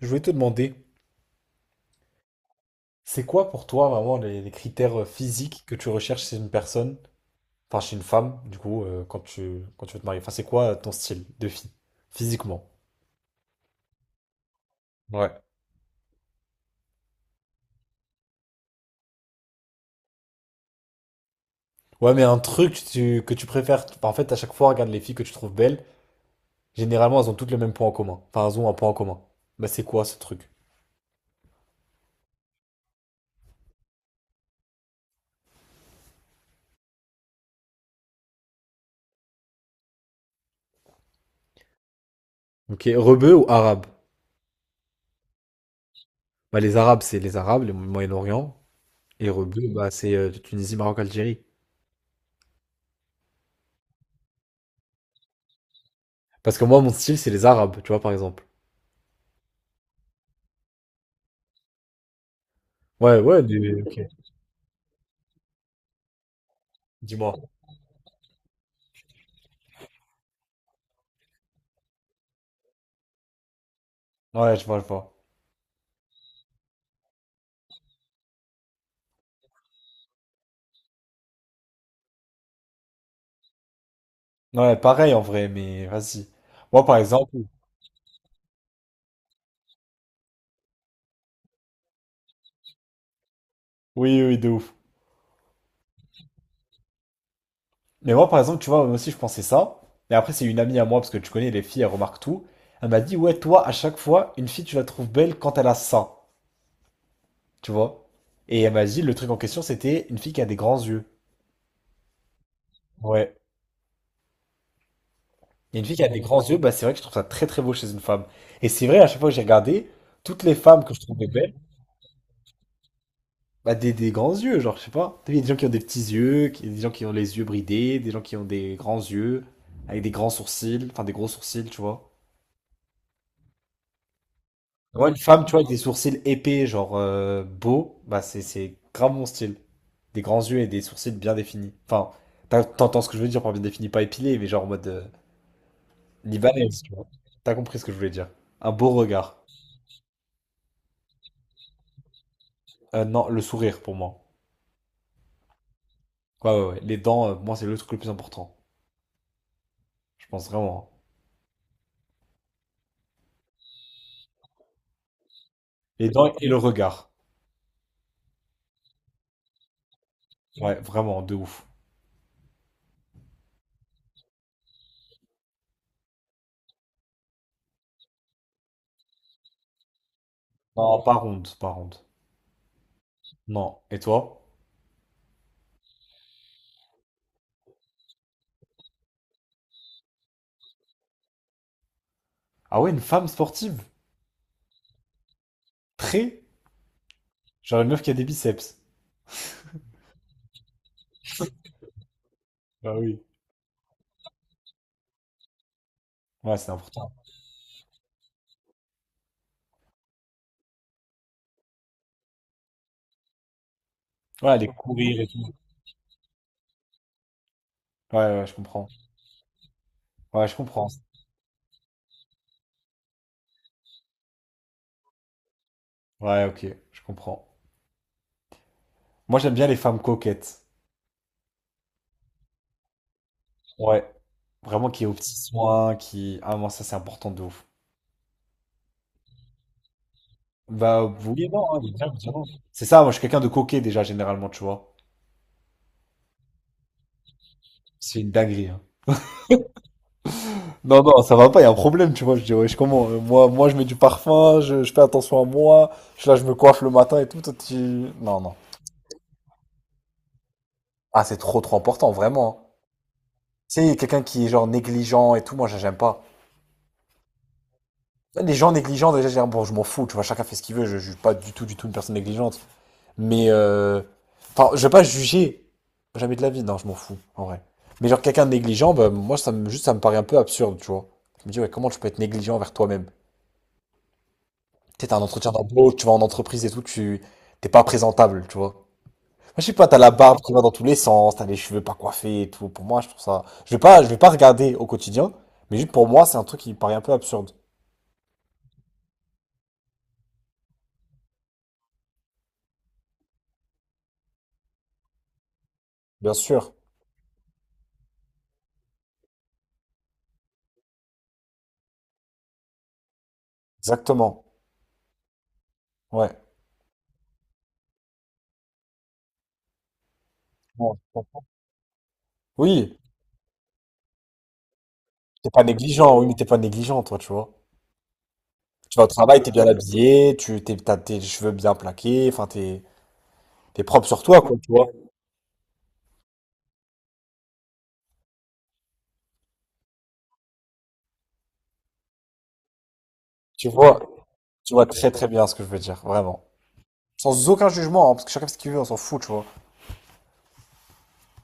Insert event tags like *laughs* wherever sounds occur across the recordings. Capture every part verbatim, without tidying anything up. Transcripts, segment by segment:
Je voulais te demander, c'est quoi pour toi vraiment les, les critères euh, physiques que tu recherches chez une personne, enfin chez une femme, du coup, euh, quand tu, quand tu veux te marier? Enfin, c'est quoi euh, ton style de fille, physiquement? Ouais. Ouais, mais un truc tu- que tu préfères, enfin, en fait, à chaque fois, regarde les filles que tu trouves belles, généralement, elles ont toutes le même point en commun. Enfin, elles ont un point en commun. Bah, c'est quoi ce truc? Ok, rebeu ou arabe? Bah, les arabes, c'est les arabes, le Moyen-Orient, et rebeu, bah, c'est euh, Tunisie, Maroc, Algérie. Parce que moi, mon style, c'est les arabes, tu vois, par exemple. Ouais, ouais, des- ok. Dis-moi. Ouais, je vois, je vois. Ouais, pareil en vrai, mais vas-y. Moi, par exemple, oui, oui, oui, de ouf. Mais moi, par exemple, tu vois, moi aussi, je pensais ça. Mais après, c'est une amie à moi, parce que tu connais les filles, elles remarquent tout. Elle m'a dit, ouais, toi, à chaque fois, une fille, tu la trouves belle quand elle a ça. Tu vois? Et elle m'a dit, le truc en question, c'était une fille qui a des grands yeux. Ouais. Et une fille qui a des grands yeux, bah, c'est vrai que je trouve ça très, très beau chez une femme. Et c'est vrai, à chaque fois que j'ai regardé, toutes les femmes que je trouvais belles. Bah, des, des grands yeux, genre, je sais pas. T'as vu, il y a des gens qui ont des petits yeux, qui- des gens qui ont les yeux bridés, des gens qui ont des grands yeux, avec des grands sourcils, enfin des gros sourcils, tu vois. Moi, une femme, tu vois, avec des sourcils épais, genre euh, beaux, bah, c'est, c'est grave mon style. Des grands yeux et des sourcils bien définis. Enfin, t'as- t'entends ce que je veux dire par bien défini, pas épilé, mais genre en mode euh, libanaise, tu vois. T'as compris ce que je voulais dire. Un beau regard. Euh, non, le sourire pour moi. Ouais, ouais, ouais. Les dents, euh, moi, c'est le truc le plus important. Je pense vraiment, hein. Les dents et le regard. Ouais, vraiment, de ouf. Non, pas ronde, pas ronde. Non. Et toi? Ah ouais, une femme sportive? Très? Genre une meuf qui a des biceps. Bah oui. Ouais, c'est important. Ouais, les... ouais, ouais, je comprends. Ouais, je comprends. Ouais, ok, je comprends. Moi, j'aime bien les femmes coquettes. Ouais, vraiment qui est aux petits soins, qui... Ah, moi, ça, c'est important de ouf. Bah, vous... Oui non, hein, il y a bien, il est bien. C'est ça, moi, je suis quelqu'un de coquet, déjà, généralement, tu vois. C'est une dinguerie, hein. Non, non, ça va pas, il y a un problème, tu vois. Je dis, ouais, je comment? euh, Moi, moi, je mets du parfum, je, je fais attention à moi, je, là, je me coiffe le matin et tout. Toi, tu... Non, non. Ah, c'est trop, trop important, vraiment, hein. Tu sais, quelqu'un qui est genre négligent et tout, moi, je- j'aime pas. Ouais, les gens négligents, déjà, je dis, bon, je m'en fous, tu vois, chacun fait ce qu'il veut, je je suis pas du tout, du tout une personne négligente. Mais, euh... enfin, je vais pas juger. Jamais de la vie, non, je m'en fous, en vrai. Mais genre, quelqu'un de négligent, bah, moi, ça me, juste, ça me paraît un peu absurde, tu vois. Je me dis, ouais, comment tu peux être négligent envers toi-même? Tu sais, t'as un entretien d'embauche, tu vas en entreprise et tout, tu t'es pas présentable, tu vois. Moi, je sais pas, t'as la barbe qui va dans tous les sens, t'as les cheveux pas coiffés et tout. Pour moi, je trouve ça. Je vais pas, je vais pas regarder au quotidien, mais juste pour moi, c'est un truc qui me paraît un peu absurde. Bien sûr, exactement. Ouais. Oui, t'es pas négligent, oui, mais t'es pas négligent, toi, tu vois. Tu vas au travail, t'es bien habillé, tu t'es, t'as tes cheveux bien plaqués, enfin, t'es, t'es propre sur toi, quoi. Tu vois, tu vois très très bien ce que je veux dire, vraiment. Sans aucun jugement, hein, parce que chacun fait ce qu'il veut, on s'en fout, tu vois.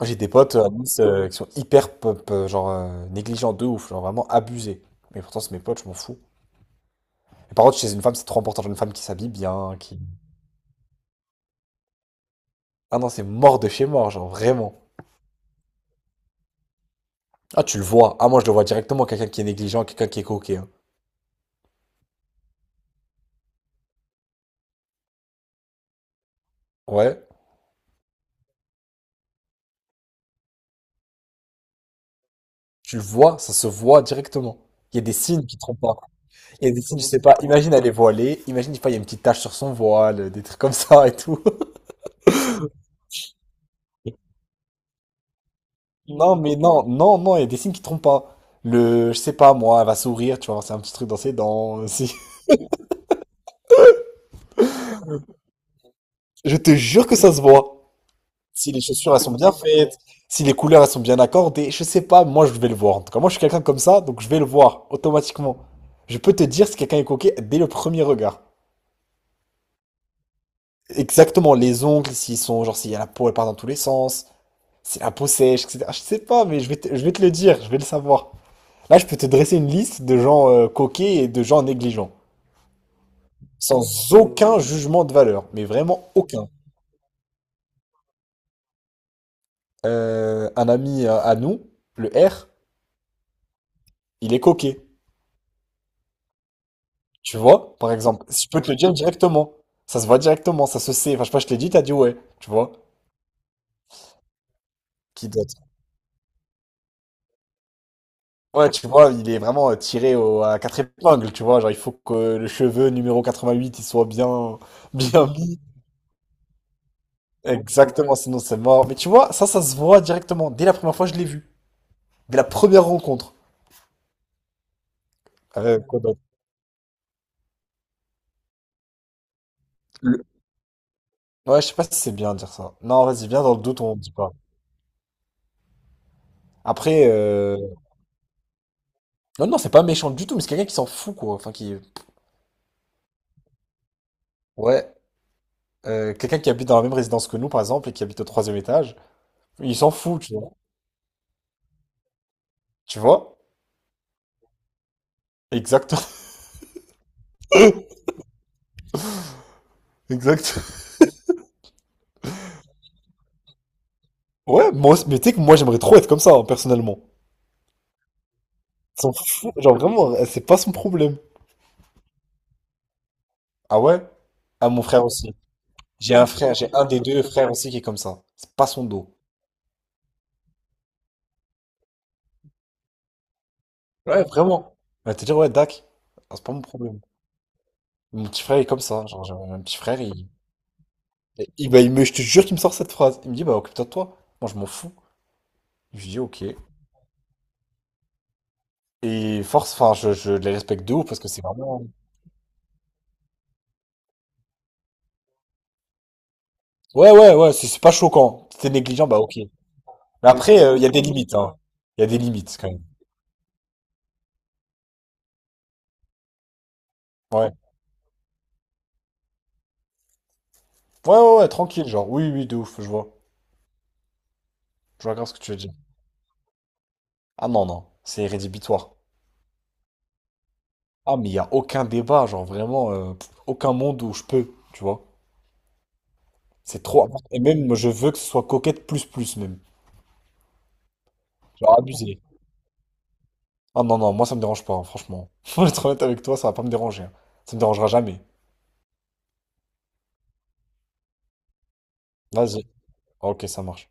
Moi, j'ai des potes à Nice euh, qui sont hyper pop, euh, genre euh, négligents de ouf, genre vraiment abusés. Mais pourtant, c'est mes potes, je m'en fous. Et par contre, chez une femme, c'est trop important. Genre une femme qui s'habille bien, qui. Ah non, c'est mort de chez mort, genre vraiment. Ah, tu le vois. Ah, moi, je le vois directement, quelqu'un qui est négligent, quelqu'un qui est coquet, hein. Ouais, tu le vois, ça se voit directement. Il y a des signes qui trompent pas. Il y a des signes, je sais pas, imagine elle est voilée, imagine, je sais pas, il y a une petite tache sur son voile, euh, des trucs comme ça et tout. Non, mais non, non, non, il y a des signes qui trompent pas. Le, je sais pas, moi, elle va sourire, tu vois, c'est un petit truc dans ses dents. euh, Si... *laughs* Je te jure que ça se voit. Si les chaussures, elles sont bien faites, si les couleurs, elles sont bien accordées, je sais pas, moi, je vais le voir. En tout cas, moi, je suis quelqu'un comme ça, donc je vais le voir, automatiquement. Je peux te dire si quelqu'un est coquet dès le premier regard. Exactement, les ongles, s'ils sont, genre, s'il y a la peau, elle part dans tous les sens, si la peau sèche, et cetera. Je sais pas, mais je vais te, je vais te le dire, je vais le savoir. Là, je peux te dresser une liste de gens euh, coquets et de gens négligents. Sans aucun jugement de valeur, mais vraiment aucun. Euh, un ami à à nous, le R, il est coquet. Tu vois, par exemple, si je peux te le dire directement. Ça se voit directement, ça se sait. Enfin, je sais pas, je te l'ai dit, t'as dit ouais, tu vois. Qui d'autre? Ouais, tu vois, il est vraiment euh, tiré au- à quatre épingles, tu vois. Genre, il faut que le cheveu numéro quatre-vingt-huit, il soit bien, *laughs* bien mis. Exactement, sinon c'est mort. Mais tu vois, ça, ça se voit directement. Dès la première fois, je l'ai vu. Dès la première rencontre. Euh, quoi d'autre. Ouais, je sais pas si c'est bien de dire ça. Non, vas-y, viens dans le doute, on dit pas. Après, euh... non, non, c'est pas méchant du tout, mais c'est quelqu'un qui s'en fout, quoi. Enfin, qui... Ouais, euh, quelqu'un qui habite dans la même résidence que nous, par exemple, et qui habite au troisième étage, il s'en fout, tu vois. Tu vois? Exact. *laughs* Exact. Ouais, moi, aussi- mais tu sais que moi, j'aimerais trop être comme ça, hein, personnellement. Il s'en fout, genre vraiment, euh, c'est pas son problème. Ah ouais? Ah, mon frère aussi. J'ai un frère, j'ai un des deux frères aussi qui est comme ça. C'est pas son dos. Ouais, vraiment. On va te dire, ouais, Dak, ah, c'est pas mon problème. Mon petit frère est comme ça. Genre, j'ai- mon petit frère, il, il- bah, il me, je te jure qu'il me sort cette phrase. Il me dit, bah, occupe-toi de toi. Moi, je m'en fous. Je lui dis, ok. Et force, enfin, je, je les respecte de ouf parce que c'est vraiment. Ouais, ouais, ouais, c'est c'est pas choquant. Si t'es négligent, bah, ok. Mais après, euh, il y a des limites, hein. Il y a des limites, quand même. Ouais. Ouais, ouais, ouais, tranquille, genre, oui, oui, de ouf, je vois. Je vois grave ce que tu veux dire. Ah non, non, c'est rédhibitoire. Ah, mais il y a aucun débat, genre, vraiment, euh, pff, aucun monde où je peux, tu vois. C'est trop important. Et même, moi, je veux que ce soit coquette plus, plus, même. Genre, abusé. Ah non, non, moi ça me dérange pas, hein, franchement. *laughs* Faut être honnête avec toi, ça va pas me déranger, hein. Ça me dérangera jamais. Vas-y. Ok, ça marche.